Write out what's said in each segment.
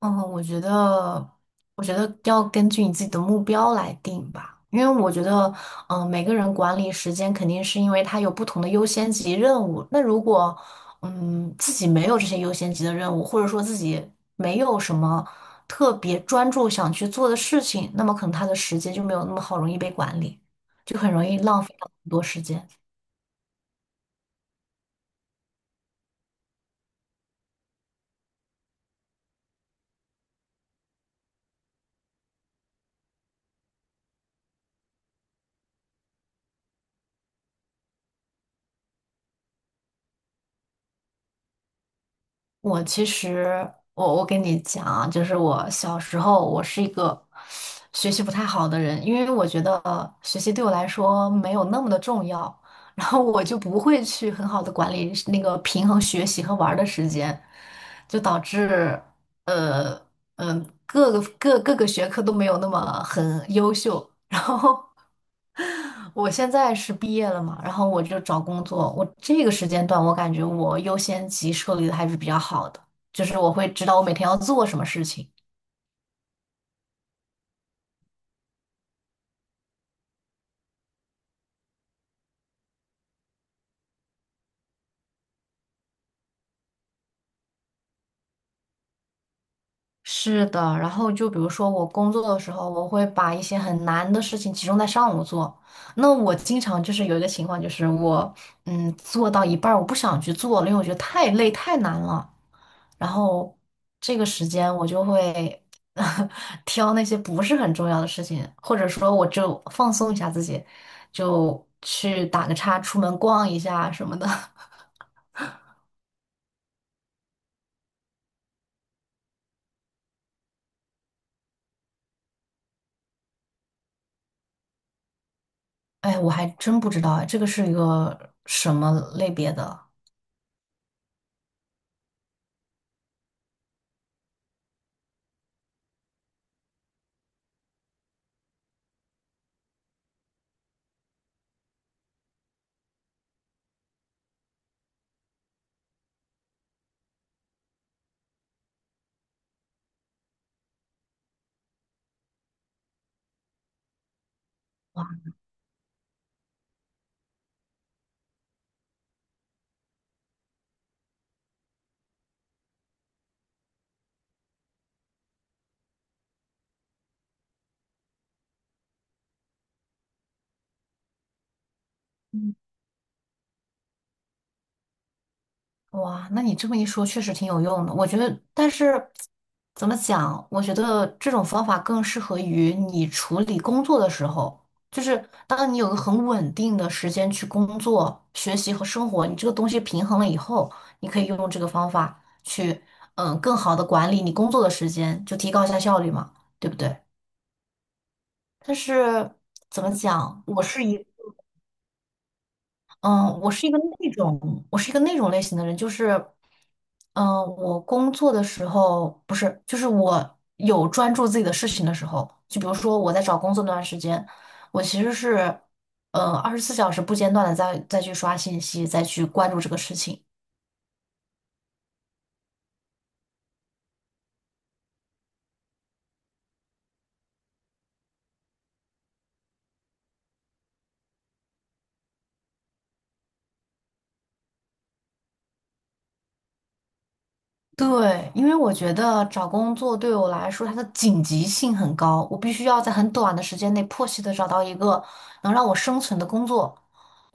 嗯，我觉得，我觉得要根据你自己的目标来定吧，因为我觉得，每个人管理时间肯定是因为他有不同的优先级任务。那如果，自己没有这些优先级的任务，或者说自己没有什么特别专注想去做的事情，那么可能他的时间就没有那么好容易被管理，就很容易浪费到很多时间。我其实，我跟你讲啊，就是我小时候，我是一个学习不太好的人，因为我觉得学习对我来说没有那么的重要，然后我就不会去很好的管理那个平衡学习和玩儿的时间，就导致呃嗯、各个学科都没有那么很优秀，然后 我现在是毕业了嘛，然后我就找工作。我这个时间段，我感觉我优先级设立的还是比较好的，就是我会知道我每天要做什么事情。是的，然后就比如说我工作的时候，我会把一些很难的事情集中在上午做。那我经常就是有一个情况，就是我做到一半儿我不想去做了，因为我觉得太累太难了。然后这个时间我就会 挑那些不是很重要的事情，或者说我就放松一下自己，就去打个叉，出门逛一下什么的。哎，我还真不知道哎，这个是一个什么类别的。哇，那你这么一说，确实挺有用的。我觉得，但是怎么讲？我觉得这种方法更适合于你处理工作的时候，就是当你有个很稳定的时间去工作、学习和生活，你这个东西平衡了以后，你可以用这个方法去，更好的管理你工作的时间，就提高一下效率嘛，对不对？但是怎么讲？我是一。嗯，我是一个那种类型的人，就是，嗯，我工作的时候不是，就是我有专注自己的事情的时候，就比如说我在找工作那段时间，我其实是，24小时不间断的再去刷信息，再去关注这个事情，对，因为我觉得找工作对我来说，它的紧急性很高，我必须要在很短的时间内迫切的找到一个能让我生存的工作，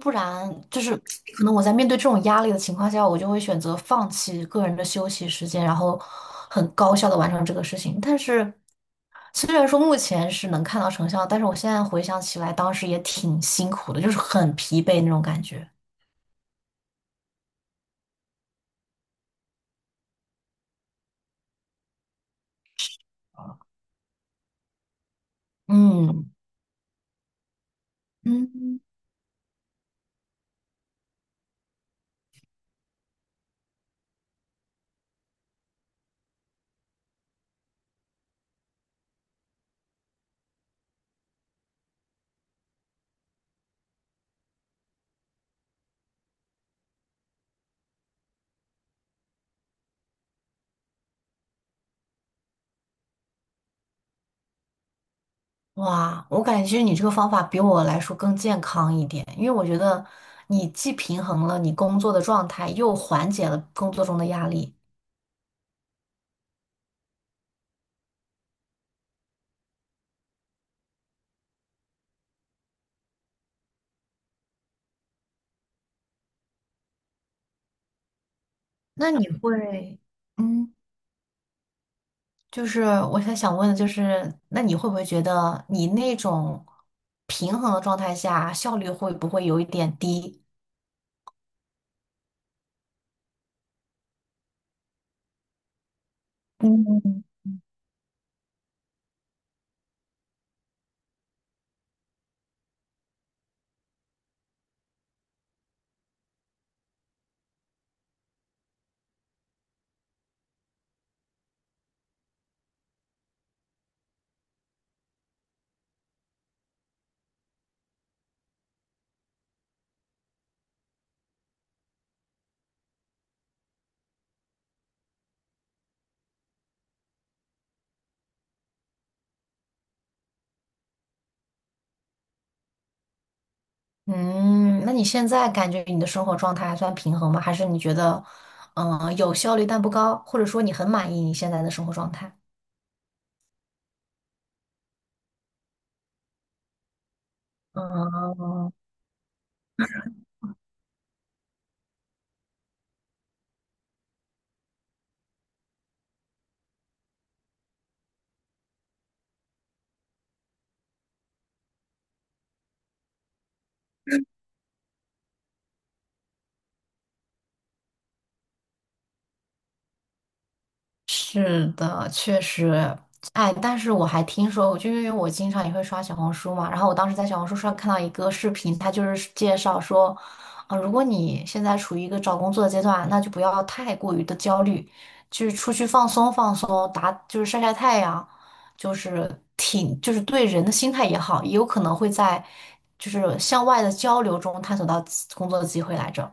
不然就是可能我在面对这种压力的情况下，我就会选择放弃个人的休息时间，然后很高效的完成这个事情。但是虽然说目前是能看到成效，但是我现在回想起来，当时也挺辛苦的，就是很疲惫那种感觉。嗯。嗯，哇，我感觉其实你这个方法比我来说更健康一点，因为我觉得你既平衡了你工作的状态，又缓解了工作中的压力。那你会，嗯，就是我想问的就是，那你会不会觉得你那种平衡的状态下，效率会不会有一点低？嗯。嗯，那你现在感觉你的生活状态还算平衡吗？还是你觉得，有效率但不高，或者说你很满意你现在的生活状态？嗯，是的，确实，哎，但是我还听说，就因为我经常也会刷小红书嘛，然后我当时在小红书上看到一个视频，它就是介绍说，如果你现在处于一个找工作的阶段，那就不要太过于的焦虑，就是出去放松放松，就是晒晒太阳，就是挺就是对人的心态也好，也有可能会在就是向外的交流中探索到工作的机会来着。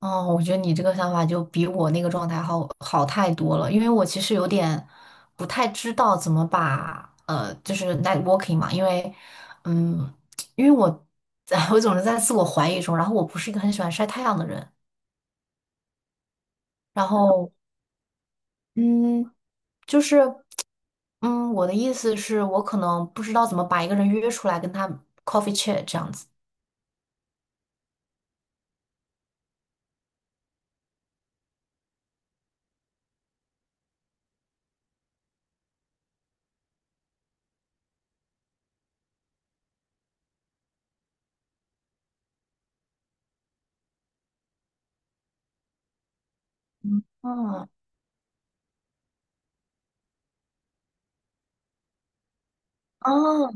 哦，我觉得你这个想法就比我那个状态好太多了，因为我其实有点不太知道怎么把就是 networking 嘛，因为嗯，因为我 我总是在自我怀疑中，然后我不是一个很喜欢晒太阳的人，然后嗯，就是嗯，我的意思是我可能不知道怎么把一个人约出来跟他 coffee chat 这样子。嗯，哦,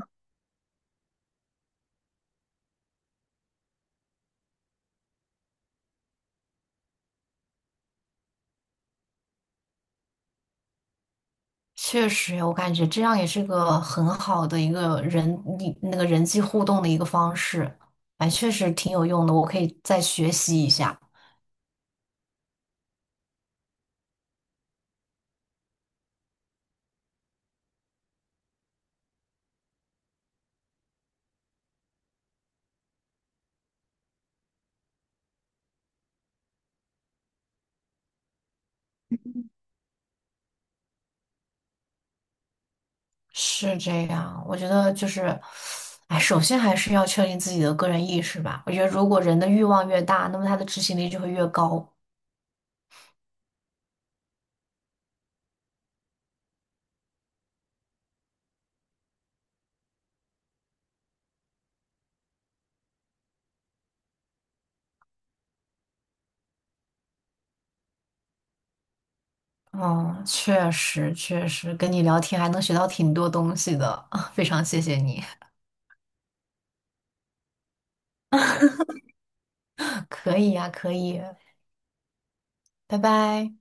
确实，我感觉这样也是个很好的一个人，你那个人际互动的一个方式，哎，确实挺有用的，我可以再学习一下。是这样，我觉得就是，哎，首先还是要确定自己的个人意识吧。我觉得如果人的欲望越大，那么他的执行力就会越高。嗯，确实，跟你聊天还能学到挺多东西的，非常谢谢你。可以呀，可以，拜拜。